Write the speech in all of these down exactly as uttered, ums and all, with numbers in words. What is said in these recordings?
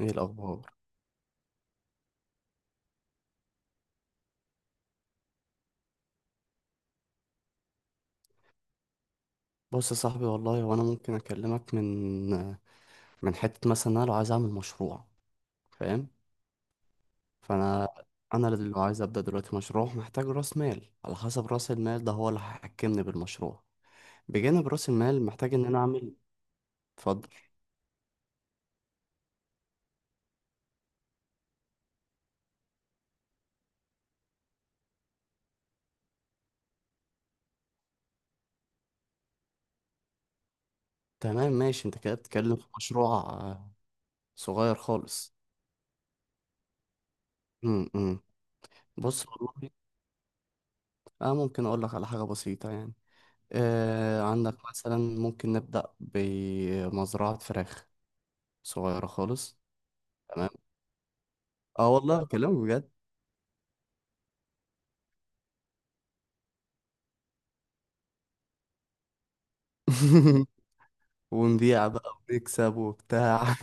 ايه الاخبار؟ بص يا صاحبي، والله وانا ممكن اكلمك من من حته. مثلا انا لو عايز اعمل مشروع، فاهم؟ فانا انا اللي لو عايز ابدا دلوقتي مشروع محتاج راس مال. على حسب راس المال ده هو اللي هيحكمني بالمشروع. بجانب راس المال محتاج ان انا اعمل. اتفضل. تمام ماشي، انت كده بتتكلم في مشروع آه، صغير خالص. امم امم. بص والله، انا ممكن اقول لك على حاجه بسيطه. يعني آه عندك مثلا ممكن نبدا بمزرعه فراخ صغيره خالص. اه والله كلام بجد. ونبيع بقى ونكسب وبتاع.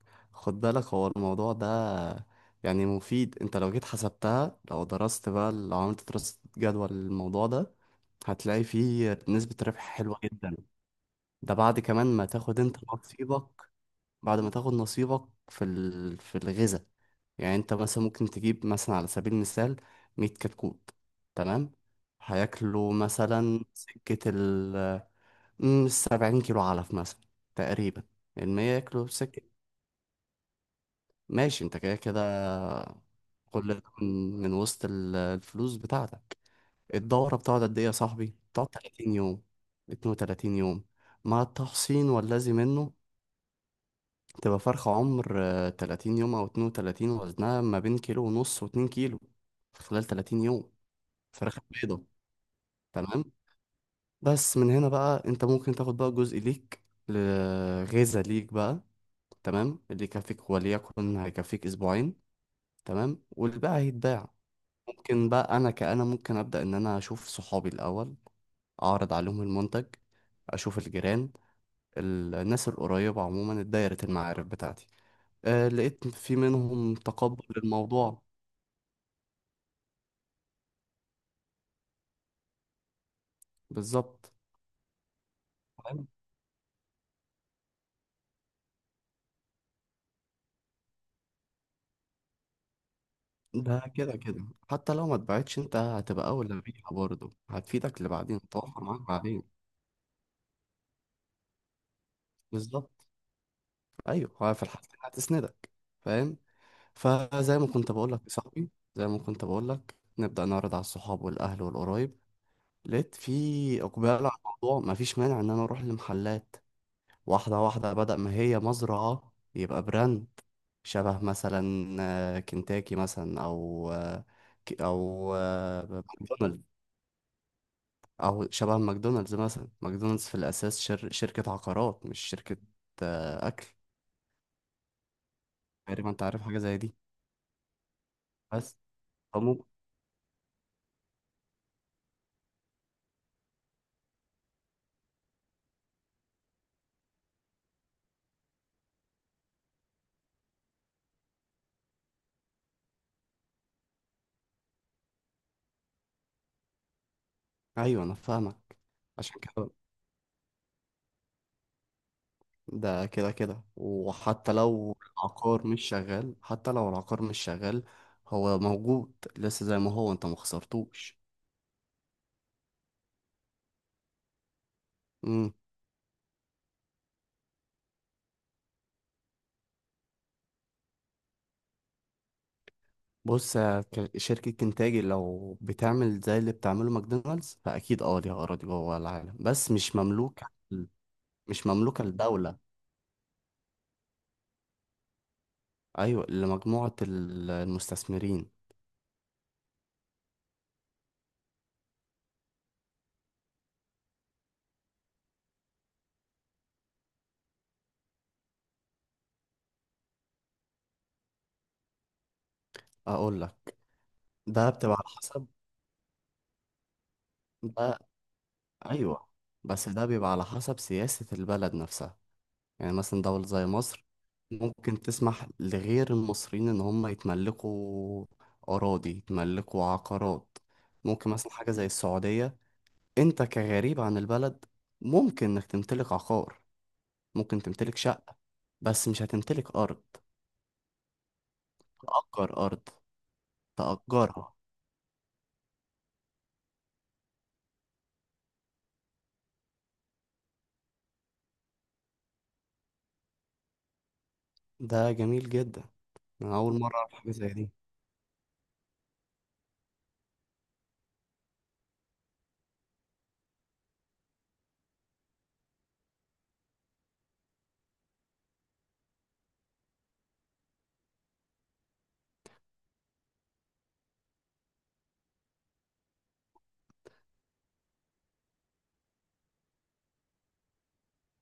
خد بالك هو الموضوع ده يعني مفيد. انت لو جيت حسبتها، لو درست بقى، لو عملت دراسة جدوى للموضوع ده هتلاقي فيه نسبة ربح حلوة جدا. ده بعد كمان ما تاخد انت نصيبك، بعد ما تاخد نصيبك في ال... في الغذاء. يعني انت مثلا ممكن تجيب مثلا على سبيل المثال ميت كتكوت، تمام. هياكلوا مثلا سكة أمم، سبعين كيلو علف مثلا، تقريبا. المية ياكلوا بسكة، ماشي. انت كده كده كل ده من من وسط ال- الفلوس بتاعتك. الدورة بتقعد قد ايه يا صاحبي؟ بتقعد تلاتين يوم، اتنين وتلاتين يوم، مع التحصين والذي منه. تبقى فرخة عمر آه، تلاتين يوم أو اتنين وتلاتين، وزنها ما بين كيلو ونص واتنين كيلو، في خلال تلاتين يوم. فرخة بيضة، تمام. بس من هنا بقى انت ممكن تاخد بقى جزء ليك، ل- غذاء ليك بقى، تمام، اللي يكفيك. وليكن هيكفيك اسبوعين، تمام، والباقي هيتباع. ممكن بقى انا كأنا ممكن ابدأ ان انا اشوف صحابي الاول، اعرض عليهم المنتج، اشوف الجيران، ال- الناس القريبة، عموما دايرة المعارف بتاعتي. أه لقيت في منهم تقبل للموضوع. بالظبط. تمام؟ ده كده كده حتى لو ما اتباعتش انت هتبقى اولى بيها، برضه هتفيدك لبعدين، توفر معاك بعدين. بالظبط. ايوه، هو في الحالتين هتسندك، فاهم. فزي ما كنت بقول لك يا صاحبي، زي ما كنت بقول لك، نبدأ نعرض على الصحاب والأهل والقرايب. لقيت في إقبال على الموضوع، مفيش مانع إن أنا أروح لمحلات واحدة واحدة، بدل ما هي مزرعة يبقى براند شبه مثلا آه، كنتاكي مثلا، أو آه، ك- أو آه، ماكدونالدز، أو شبه ماكدونالدز مثلا. ماكدونالدز في الأساس شر شركة عقارات، مش شركة آه، أكل. تقريبا. أنت عارف حاجة زي دي. بس فمو- أيوه أنا فاهمك. عشان كده ده كده كده، وحتى لو العقار مش شغال، حتى لو العقار مش شغال هو موجود، لسه زي ما هو، انت ما خسرتوش. امم. بص يا ك- شركة كنتاجي لو بتعمل زي اللي بتعمله ماكدونالدز فأكيد اه ليها أراضي جوه العالم، بس مش مملوكة، مش مملوكة لدولة. أيوة، لمجموعة ال- المستثمرين. أقول لك، ده بتبقى على حسب. ده أيوة، بس ده بيبقى على حسب سياسة البلد نفسها. يعني مثلا دولة زي مصر ممكن تسمح لغير المصريين إن هم يتملكوا أراضي، يتملكوا عقارات. ممكن مثلا حاجة زي السعودية، أنت كغريب عن البلد ممكن إنك تمتلك عقار، ممكن تمتلك شقة، بس مش هتمتلك أرض، تأجر أرض، تأجرها. ده جميل جدا. أنا أول مرة أعرف حاجة زي دي.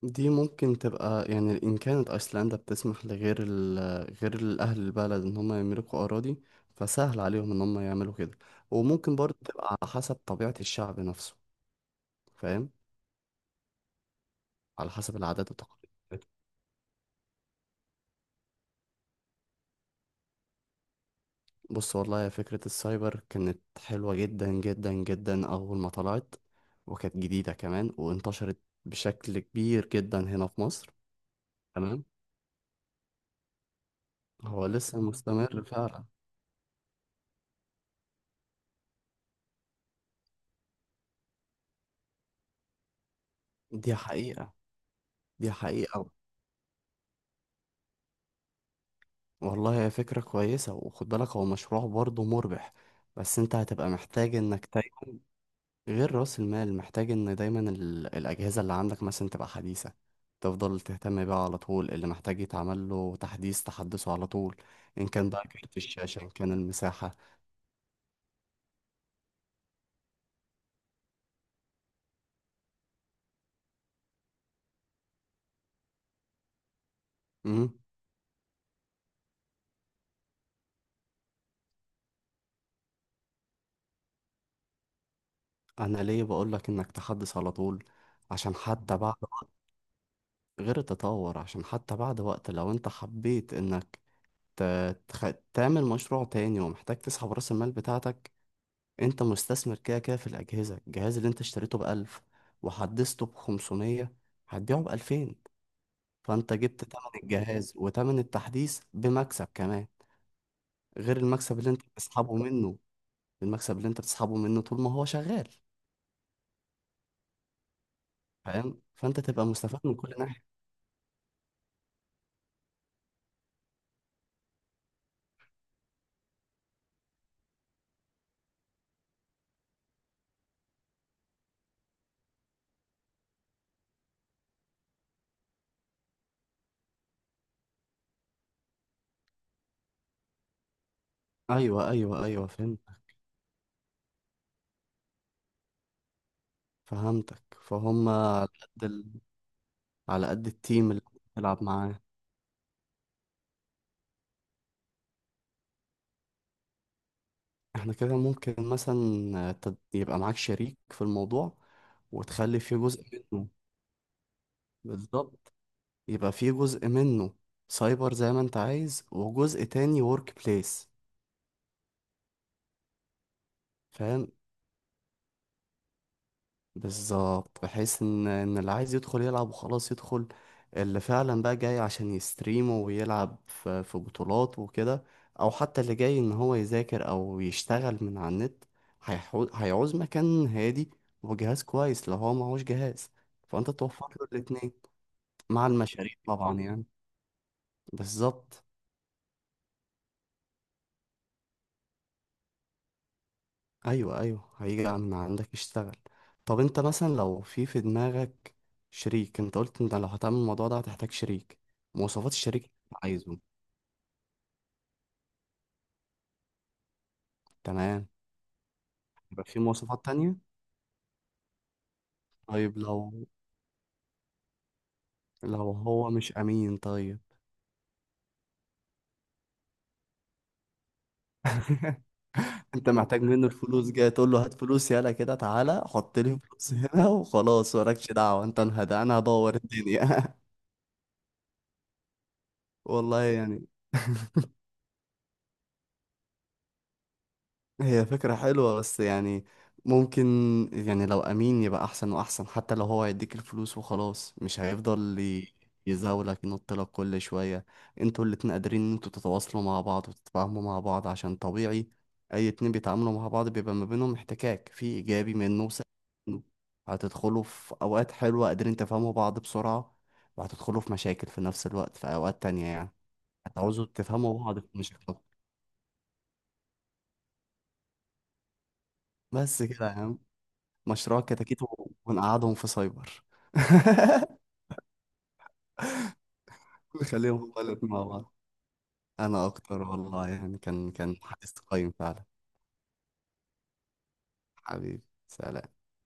دي ممكن تبقى يعني إن كانت أيسلندا بتسمح لغير ال، غير الأهل البلد إن هم يملكوا أراضي، فسهل عليهم إن هم يعملوا كده. وممكن برضه تبقى على حسب طبيعة الشعب نفسه، فاهم، على حسب العادات والتقاليد بتاعته. بص والله، يا فكرة السايبر كانت حلوة جدا جدا جدا أول ما طلعت، وكانت جديدة كمان، وانتشرت بشكل كبير جدا هنا في مصر. تمام. هو لسه مستمر فعلا. دي حقيقة. دي حقيقة. والله هي فكرة كويسة، وخد بالك هو مشروع برضه مربح، بس انت هتبقى محتاج انك دايما، غير رأس المال محتاج ان دايما ال- الأجهزة اللي عندك مثلا تبقى حديثة، تفضل تهتم بيها على طول، اللي محتاج يتعمل له تحديث تحدثه على طول، ان كان بقى كارت الشاشة، ان كان المساحة. امم. انا ليه بقول لك انك تحدث على طول، عشان حتى بعد وقت، غير التطور، عشان حتى بعد وقت لو انت حبيت انك ت- تخ- تعمل مشروع تاني ومحتاج تسحب رأس المال بتاعتك، انت مستثمر كده كده في الأجهزة. الجهاز اللي انت اشتريته بألف وحدثته بخمسمية هتبيعه بألفين، فانت جبت تمن الجهاز وتمن التحديث بمكسب كمان، غير المكسب اللي انت بتسحبه منه، المكسب اللي انت بتسحبه منه طول ما هو شغال، فاهم، فانت تبقى مستفاد من كل ناحية. ايوه ايوه ايوه فهمت. فهمتك فهم على قد ال... على قد التيم اللي بتلعب معاه. احنا كده ممكن مثلا تد- يبقى معاك شريك في الموضوع وتخلي فيه جزء منه. بالظبط، يبقى في جزء منه سايبر زي ما انت عايز، وجزء تاني ورك بليس. فاهم. بالظبط، بحيث ان ان اللي عايز يدخل يلعب وخلاص يدخل، اللي فعلا بقى جاي عشان يستريم ويلعب في في بطولات وكده، او حتى اللي جاي ان هو يذاكر او يشتغل من على النت، هيحو- هيعوز مكان هادي وجهاز كويس لو هو معهوش جهاز، فانت توفر له الاتنين مع المشاريع طبعا، يعني. بالظبط. ايوه ايوه، هيجي عن- من عندك يشتغل. طب انت مثلا لو في في دماغك شريك، انت قلت انت لو هتعمل الموضوع ده هتحتاج شريك، مواصفات الشريك اللي انت عايزه. تمام. يبقى في مواصفات تانية. طيب لو، لو هو مش امين طيب. انت محتاج منه الفلوس، جاي تقول له هات فلوس، يلا كده تعالى حط لي فلوس هنا وخلاص، مالكش دعوة انت، انهدى انا هدور الدنيا. والله يعني. هي فكرة حلوة بس يعني ممكن، يعني لو أمين يبقى أحسن وأحسن، حتى لو هو هيديك الفلوس وخلاص مش هيفضل ي- يزاولك ينطلك كل شوية. انتوا الاتنين قادرين ان انتوا تتواصلوا مع بعض وتتفاهموا مع بعض، عشان طبيعي أي اتنين بيتعاملوا مع بعض بيبقى ما بينهم احتكاك، في إيجابي منه وسلبي منه. هتدخلوا في أوقات حلوة قادرين تفهموا بعض بسرعة، وهتدخلوا في مشاكل في نفس الوقت في أوقات تانية، يعني هتعوزوا تفهموا بعض في مشاكل. بس كده يا عم. مشروع كتاكيت، ونقعدهم في سايبر، نخليهم هما الاتنين مع بعض. انا اكتر والله، يعني كان كان حديث قيم فعلا. حبيبي، سلام.